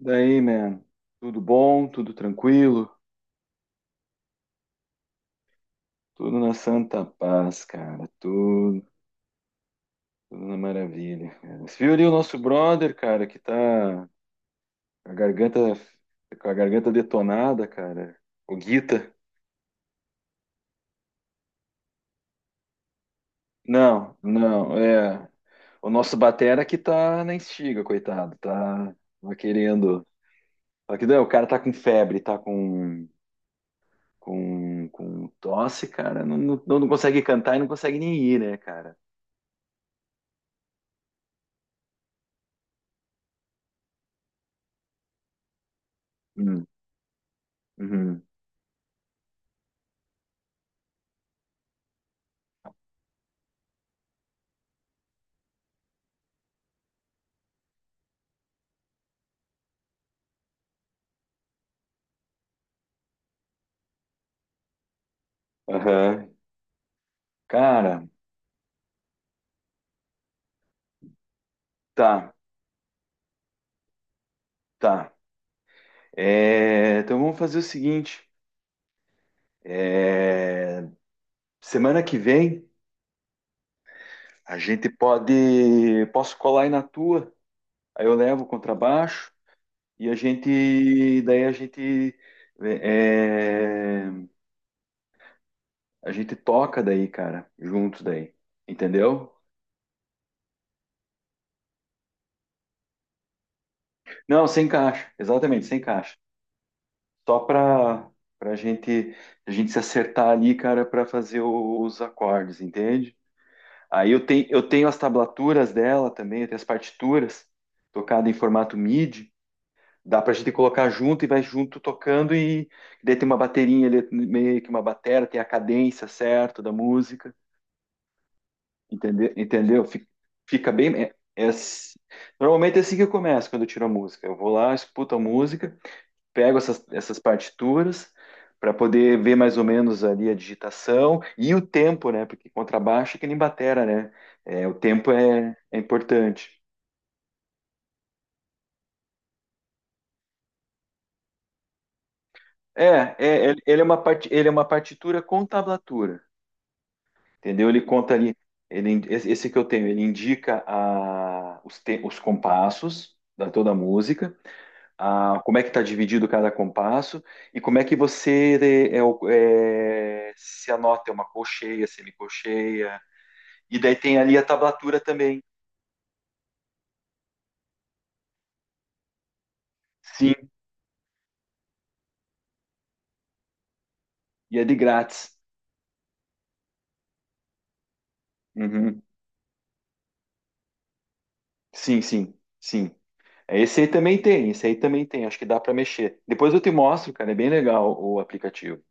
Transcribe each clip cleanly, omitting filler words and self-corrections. Daí, man, tudo bom, tudo tranquilo, tudo na santa paz, cara, tudo na maravilha, cara. Você viu ali o nosso brother, cara, que tá com a garganta, com a garganta detonada, cara, o Guita? Não, não, é, o nosso batera que tá na estiga, coitado, tá querendo, só que não, o cara tá com febre, tá com tosse, cara, não, não, não consegue cantar e não consegue nem ir, né, cara? Hum, uhum. Aham. Cara, tá, tá. É, então vamos fazer o seguinte. É, semana que vem a gente pode. Posso colar aí na tua. Aí eu levo o contrabaixo e a gente. Daí a gente. É, a gente toca daí, cara, juntos daí. Entendeu? Não, sem caixa. Exatamente, sem caixa. Só pra gente, a gente se acertar ali, cara, pra fazer os acordes, entende? Aí eu tenho as tablaturas dela também, eu tenho as partituras tocadas em formato MIDI. Dá pra gente colocar junto e vai junto tocando e daí tem uma baterinha ali, meio que uma batera, tem a cadência certa da música, entendeu? Entendeu? Fica bem. Normalmente é assim que eu começo quando eu tiro a música. Eu vou lá, escuto a música, pego essas partituras para poder ver mais ou menos ali a digitação e o tempo, né? Porque contrabaixo é que nem batera, né? É, o tempo é importante. Ele é uma part, ele é uma partitura com tablatura, entendeu? Ele conta ali, esse que eu tenho, ele indica a, os, os compassos da toda a música, a, como é que está dividido cada compasso e como é que você se anota é uma colcheia, semicolcheia, e daí tem ali a tablatura também. Sim, e é de grátis. Uhum. Sim, sim, sim. Esse aí também tem, esse aí também tem. Acho que dá para mexer. Depois eu te mostro, cara. É bem legal o aplicativo.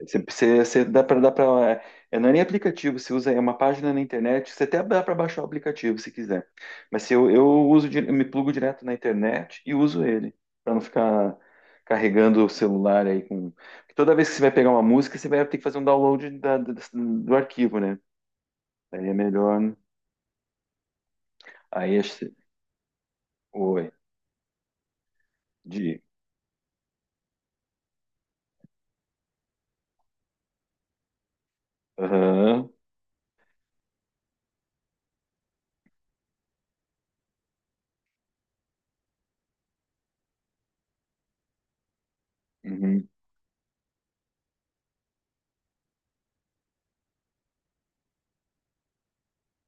Você dá para. É, não é nem aplicativo, você usa é uma página na internet. Você até dá para baixar o aplicativo se quiser. Mas se eu me plugo direto na internet e uso ele para não ficar carregando o celular aí com. Porque toda vez que você vai pegar uma música, você vai ter que fazer um download do arquivo, né? Aí é melhor, né? Aí é. Oi. De. Aham. Uhum.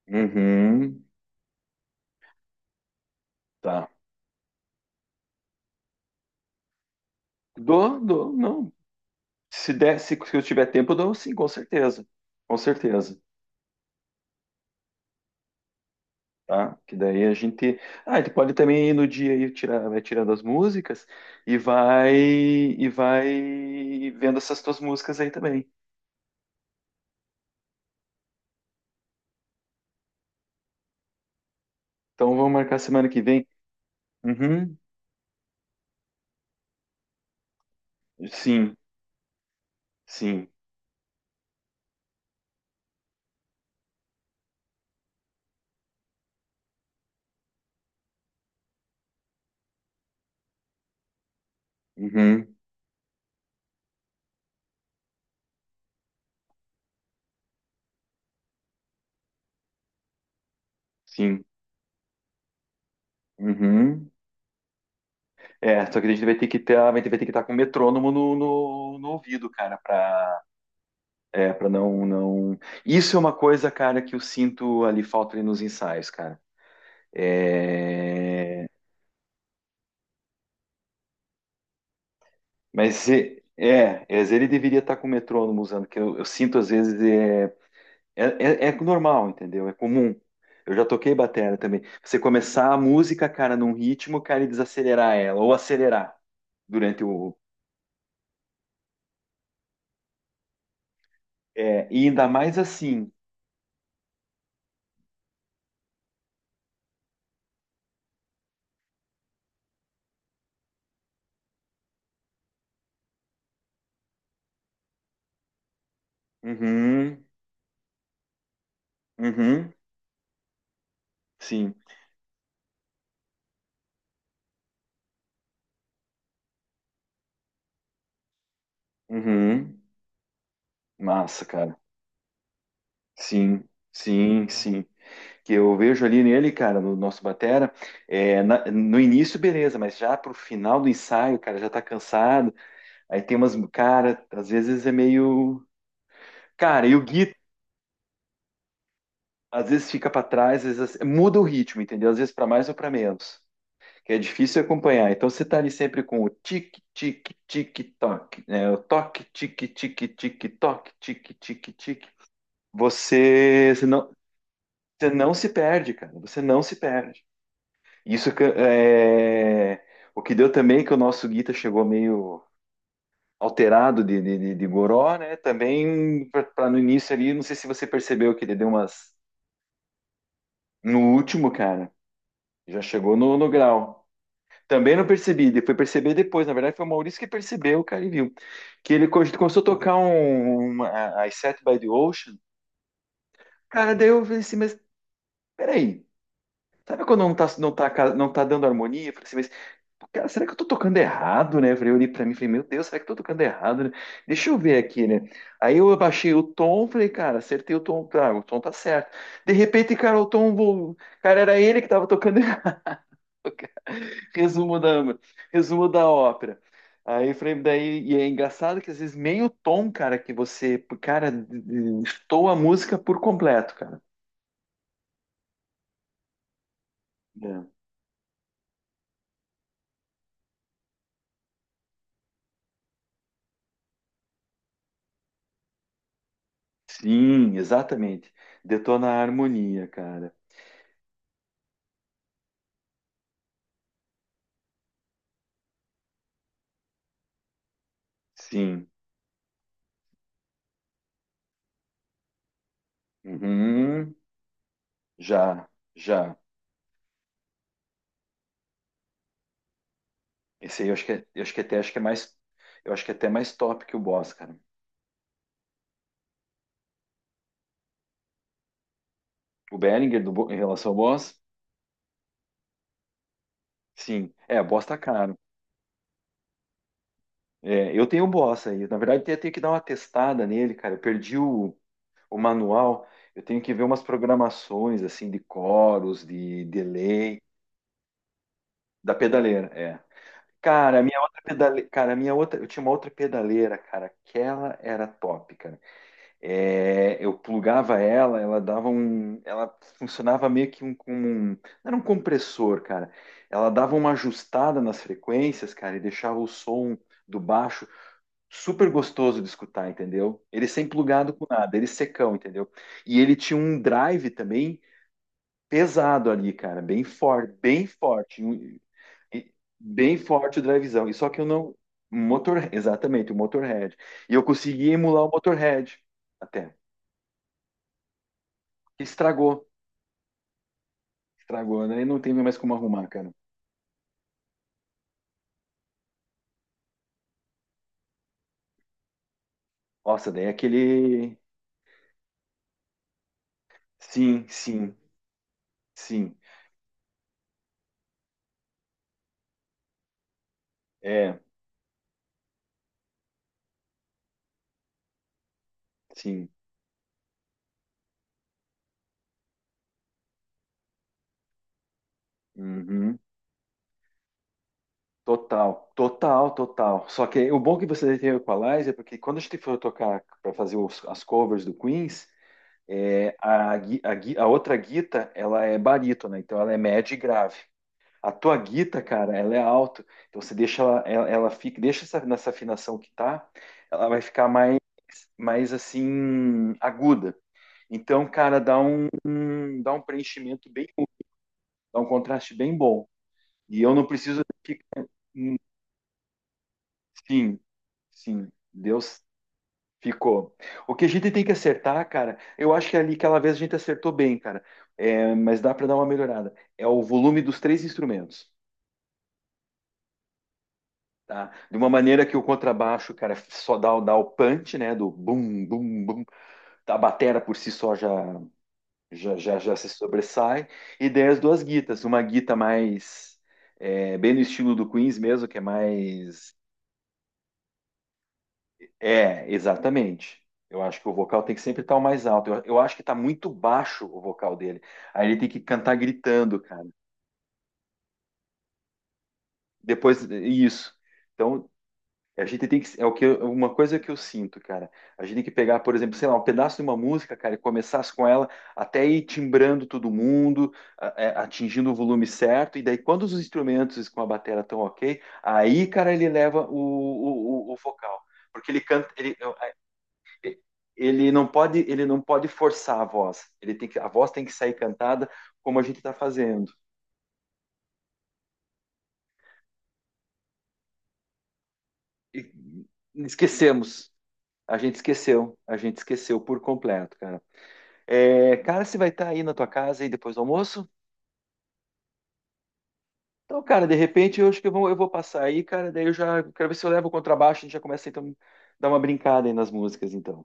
Uhum. Tá. Dou, dou, não. Se der, se eu tiver tempo, eu dou sim, com certeza. Com certeza. Tá? Que daí a gente. Ah, ele pode também ir no dia e tirar, vai tirando as músicas e vai vendo essas tuas músicas aí também. Então vamos marcar semana que vem. Uhum. Sim, sim. Uhum. Sim. Uhum. É, só que a gente vai ter que ter, vai ter, vai ter que estar com o metrônomo no, no, no ouvido, cara, pra, é, pra não, não. Isso é uma coisa, cara, que eu sinto ali falta ali nos ensaios, cara. É... Mas é, é, é, ele deveria estar com o metrônomo usando, que eu sinto às vezes é, é, é, é normal, entendeu? É comum. Eu já toquei batera também. Você começar a música, cara, num ritmo, cara, e desacelerar ela, ou acelerar durante o. É, e ainda mais assim. Uhum, uhum. Sim. Uhum. Massa, cara. Sim, sim, sim. Que eu vejo ali nele, cara, no nosso batera, é, no início, beleza, mas já pro final do ensaio, cara, já tá cansado. Aí tem umas, cara, às vezes é meio. Cara, e o Gui, às vezes fica pra trás, às vezes muda o ritmo, entendeu? Às vezes pra mais ou pra menos. Que é difícil acompanhar. Então você tá ali sempre com o tic, tic, tic, toc, né? O toque, tic, tic, tic, toc, tic, tic, tic. Senão você não se perde, cara. Você não se perde. Isso é o que deu também que o nosso Guita chegou meio alterado de goró, né? Também para no início ali, não sei se você percebeu que ele deu umas no último, cara. Já chegou no grau. Também não percebi, fui perceber depois. Na verdade, foi o Maurício que percebeu, cara, e viu. Que ele começou a tocar as Set by the Ocean. Cara, daí eu falei assim, mas peraí. Sabe quando não tá dando harmonia? Eu falei assim, cara, será que eu tô tocando errado, né? Eu falei, eu olhei pra mim e falei, meu Deus, será que eu tô tocando errado, né? Deixa eu ver aqui, né? Aí eu abaixei o tom, falei, cara, acertei o tom tá certo. De repente, cara, o tom, cara, era ele que tava tocando errado. Resumo da, resumo da ópera. Aí eu falei, daí, e é engraçado que às vezes meio tom, cara, que você, cara, estou a música por completo, cara. É. Sim, exatamente. Detona a harmonia, cara. Sim. Uhum. Já, já. Esse aí eu acho que até acho que é mais, eu acho que é até mais top que o Boss, cara. O Behringer do em relação ao Boss, sim. É, o Boss tá caro. É, eu tenho o Boss aí. Na verdade, eu tenho que dar uma testada nele, cara. Eu perdi o manual. Eu tenho que ver umas programações assim de coros, de delay da pedaleira, é. Cara, a minha outra pedaleira, cara, a minha outra, eu tinha uma outra pedaleira, cara. Aquela era top, cara. É, eu plugava ela, ela dava um, ela funcionava meio que um, como um, não era um compressor, cara. Ela dava uma ajustada nas frequências, cara, e deixava o som do baixo super gostoso de escutar, entendeu? Ele sem plugado com nada, ele secão, entendeu? E ele tinha um drive também pesado ali, cara, bem forte, bem forte, e- bem forte o drivezão. E só que eu não, exatamente, o Motorhead. E eu consegui emular o Motorhead até. Estragou, estragou, né? E não tem mais como arrumar, cara. Nossa, daí é aquele. Sim, sim, sim. É, sim. Uhum. Total, total, total. Só que o bom que você tem o Equalizer é porque quando a gente for tocar para fazer as covers do Queens, é, a outra guita ela é barítono, então ela é média e grave. A tua guita, cara, ela é alto. Então você deixa ela fica, deixa essa, nessa afinação que tá, ela vai ficar mais assim aguda. Então, cara, dá dá um preenchimento bem, dá um contraste bem bom. E eu não preciso ficar, hum, sim, sim, Deus ficou. O que a gente tem que acertar, cara, eu acho que é ali aquela vez a gente acertou bem, cara. É, mas dá para dar uma melhorada. É o volume dos três instrumentos. Tá? De uma maneira que o contrabaixo, cara, só dá o punch, né? Do bum, bum, bum. A batera por si só já se sobressai. E daí as duas guitas. Uma guita mais... É, bem no estilo do Queens mesmo, que é mais... É, exatamente. Eu acho que o vocal tem que sempre estar o mais alto. Eu acho que está muito baixo o vocal dele. Aí ele tem que cantar gritando, cara. Depois, isso. Então, a gente tem que, uma coisa que eu sinto, cara. A gente tem que pegar, por exemplo, sei lá, um pedaço de uma música, cara, e começar com ela até ir timbrando todo mundo, atingindo o volume certo, e daí quando os instrumentos com a bateria estão ok, aí, cara, ele leva o vocal, porque ele canta, ele não pode forçar a voz. Ele tem que, a voz tem que sair cantada como a gente está fazendo. E esquecemos, a gente esqueceu por completo, cara. É, cara, você vai estar aí na tua casa aí depois do almoço? Então, cara, de repente eu acho que eu vou passar aí, cara. Daí eu já quero ver se eu levo o contrabaixo. A gente já começa então dar uma brincada aí nas músicas, então.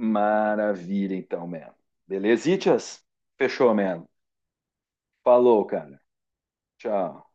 Maravilha, então, man. Beleza, Itias? Fechou, man. Falou, cara. Tchau.